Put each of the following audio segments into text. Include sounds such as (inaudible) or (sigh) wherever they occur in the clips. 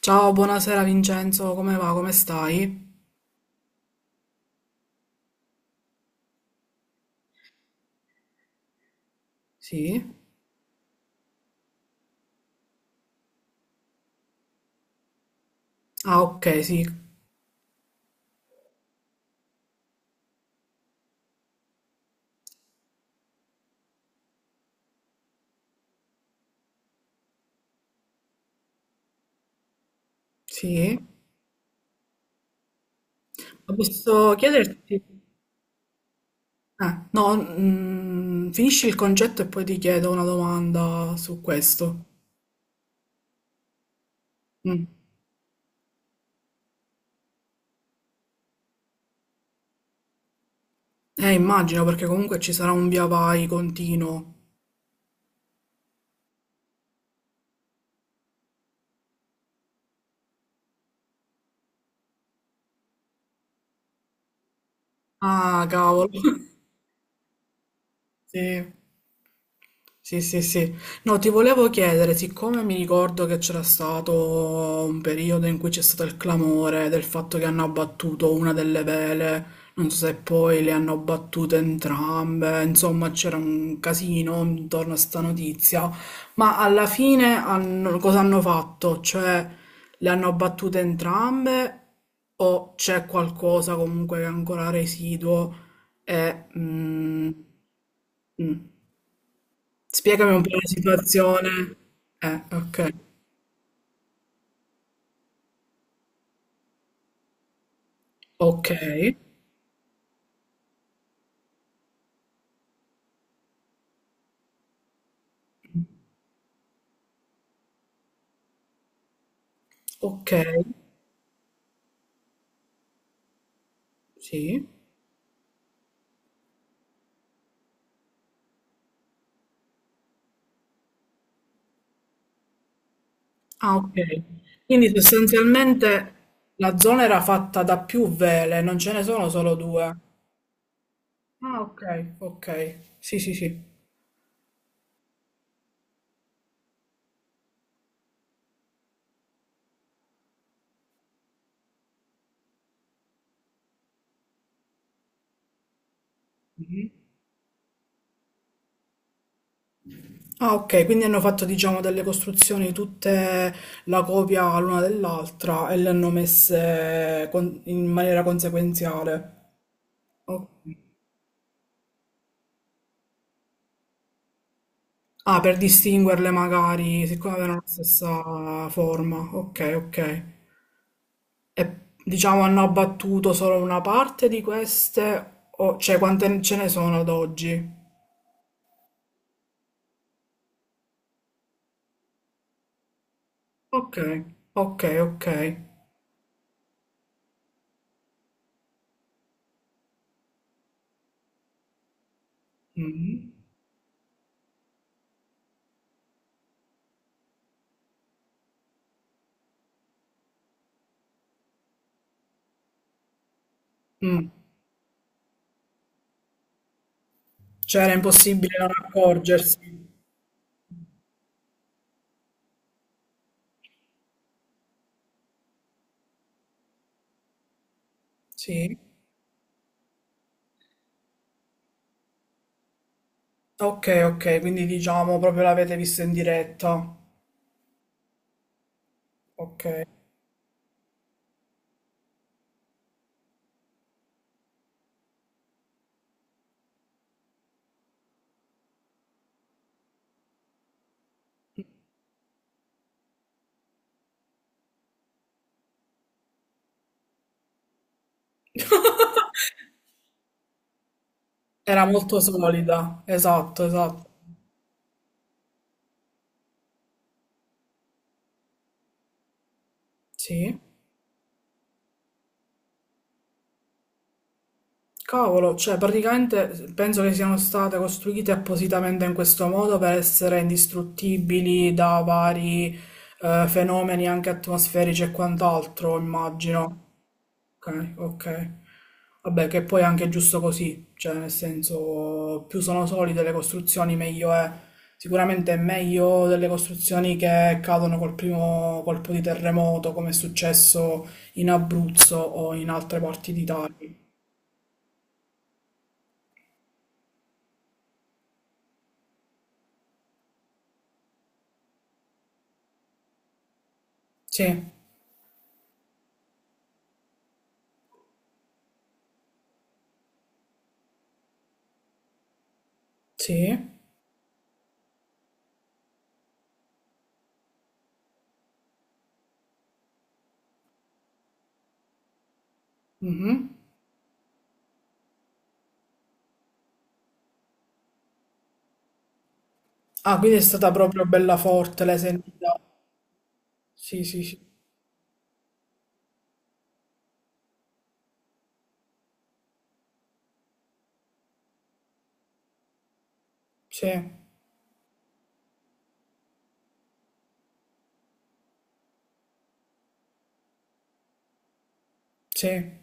Ciao, buonasera Vincenzo, come va? Come stai? Sì? Ah, ok, sì, sì. Posso chiederti? No, finisci il concetto e poi ti chiedo una domanda su questo. Mm. Immagino perché comunque ci sarà un via vai continuo. Ah, cavolo. (laughs) Sì. Sì, sì, sì. No, ti volevo chiedere, siccome mi ricordo che c'era stato un periodo in cui c'è stato il clamore del fatto che hanno abbattuto una delle vele, non so se poi le hanno abbattute entrambe, insomma c'era un casino intorno a sta notizia, ma alla fine cosa hanno fatto? Cioè, le hanno abbattute entrambe o c'è qualcosa comunque che è ancora residuo e... mm, mm. Spiegami un po' la situazione. Ok. Ok. Ok. Sì. Ah, ok. Quindi sostanzialmente la zona era fatta da più vele, non ce ne sono solo due. Ah, ok, ok. Sì, sì, sì. Ah, ok, quindi hanno fatto, diciamo, delle costruzioni tutte la copia l'una dell'altra e le hanno messe in maniera conseguenziale. Ah, per distinguerle magari, siccome avevano la stessa forma. Ok, ok. E diciamo hanno abbattuto solo una parte di queste, o cioè quante ce ne sono ad oggi? Ok, ok, ok. Mm. Mm. Cioè era impossibile non accorgersi. Sì. Ok, ok, quindi diciamo proprio l'avete vista in diretta. Ok. (laughs) Era molto solida. Esatto, esatto. Sì. Cavolo, cioè praticamente penso che siano state costruite appositamente in questo modo per essere indistruttibili da vari fenomeni anche atmosferici e quant'altro, immagino. Ok, ok. Vabbè, che poi è anche giusto così, cioè nel senso più sono solide le costruzioni meglio è. Sicuramente è meglio delle costruzioni che cadono col primo colpo di terremoto, come è successo in Abruzzo o in altre parti d'Italia. Sì. Sì. Mhm. Ah, quindi è stata proprio bella forte, l'hai sentita? Sì, sì, sì, sì, sì,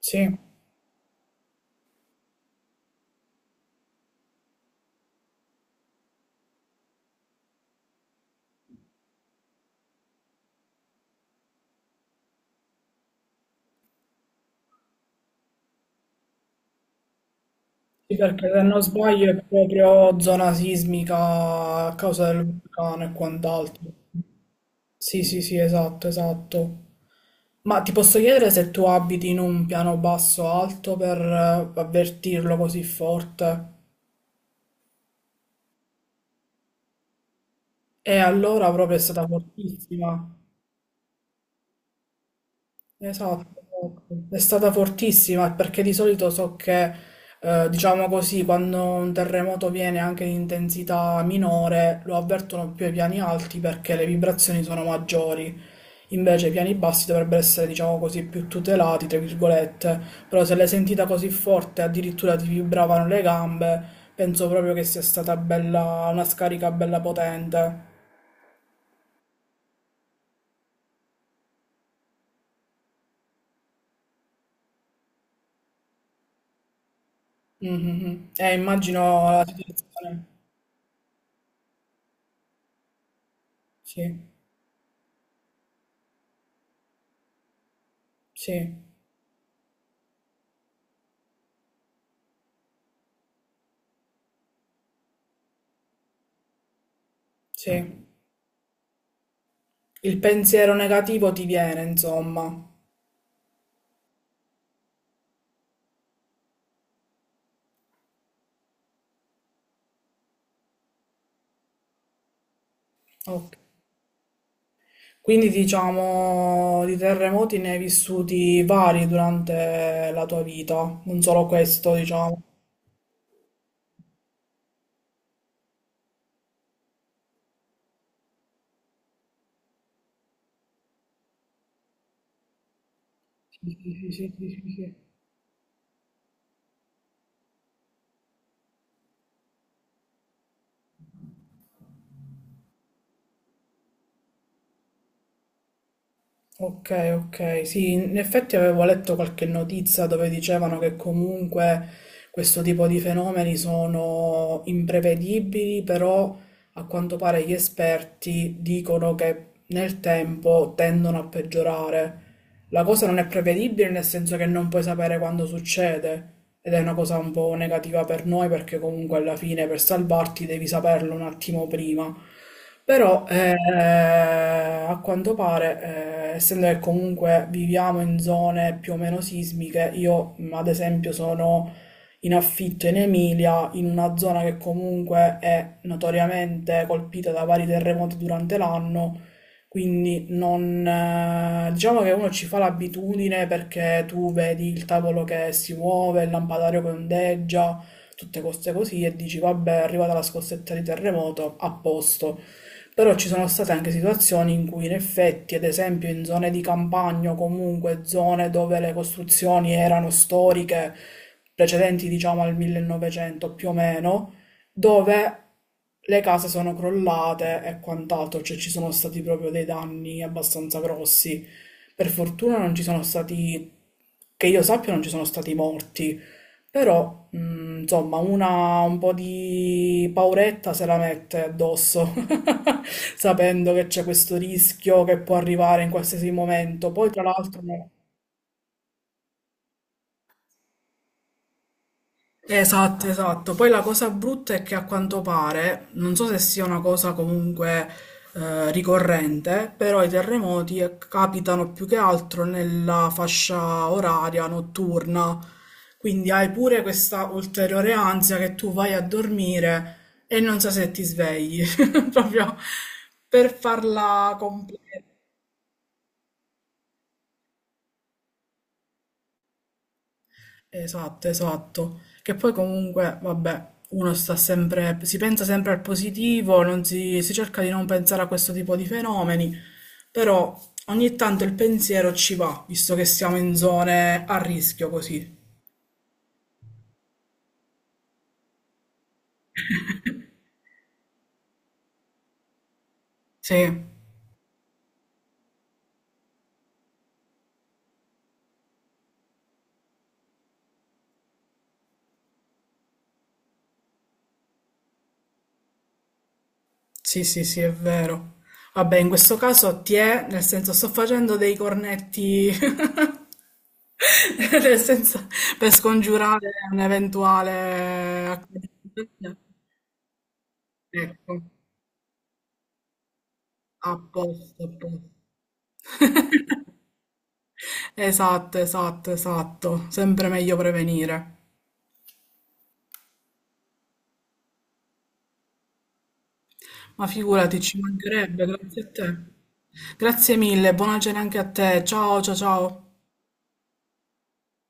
sì. Sì, perché se non sbaglio è proprio zona sismica a causa del vulcano e quant'altro. Sì, sì, sì, esatto, esatto. Ma ti posso chiedere se tu abiti in un piano basso o alto per avvertirlo così forte? E allora proprio è stata fortissima. Esatto, esatto. È stata fortissima perché di solito so che, diciamo così, quando un terremoto viene anche in intensità minore, lo avvertono più ai piani alti perché le vibrazioni sono maggiori. Invece i piani bassi dovrebbero essere, diciamo così, più tutelati, tra virgolette. Però se l'hai sentita così forte, addirittura ti vibravano le gambe, penso proprio che sia stata bella, una scarica bella potente. Mhm, mhm. Immagino la situazione. Sì, sì. Sì, il pensiero negativo ti viene, insomma. Ok. Quindi diciamo di terremoti ne hai vissuti vari durante la tua vita, non solo questo, diciamo. Sì, sì, sì, sì, sì, sì. Ok, ok, sì, in effetti avevo letto qualche notizia dove dicevano che comunque questo tipo di fenomeni sono imprevedibili, però a quanto pare gli esperti dicono che nel tempo tendono a peggiorare. La cosa non è prevedibile nel senso che non puoi sapere quando succede ed è una cosa un po' negativa per noi perché comunque alla fine per salvarti devi saperlo un attimo prima. Però a quanto pare, essendo che comunque viviamo in zone più o meno sismiche, io ad esempio sono in affitto in Emilia, in una zona che comunque è notoriamente colpita da vari terremoti durante l'anno, quindi non, diciamo che uno ci fa l'abitudine perché tu vedi il tavolo che si muove, il lampadario che ondeggia, tutte queste cose così e dici vabbè, è arrivata la scossetta di terremoto, a posto. Però ci sono state anche situazioni in cui in effetti, ad esempio in zone di campagna o comunque zone dove le costruzioni erano storiche, precedenti diciamo al 1900 più o meno, dove le case sono crollate e quant'altro, cioè ci sono stati proprio dei danni abbastanza grossi. Per fortuna non ci sono stati, che io sappia, non ci sono stati morti, però insomma una un po' di pauretta se la mette addosso sapendo che c'è questo rischio che può arrivare in qualsiasi momento. Poi, tra l'altro, no. Esatto, esatto. Poi la cosa brutta è che a quanto pare, non so se sia una cosa comunque ricorrente, però i terremoti capitano più che altro nella fascia oraria notturna. Quindi hai pure questa ulteriore ansia che tu vai a dormire e non sai se ti svegli, (laughs) proprio per farla completa. Esatto, esatto. Che poi comunque, vabbè, uno sta sempre, si pensa sempre al positivo, non si, si cerca di non pensare a questo tipo di fenomeni, però ogni tanto il pensiero ci va, visto che siamo in zone a rischio così. Sì, sì, sì, sì, è vero. Vabbè, in questo caso ti è, nel senso sto facendo dei cornetti, (laughs) nel senso per scongiurare un eventuale accadimento. Ecco, a posto, a posto. (laughs) Esatto, esatto, esatto. Sempre meglio prevenire. Ma figurati, ci mancherebbe, grazie a te. Grazie mille, buona cena anche a te. Ciao, ciao, ciao.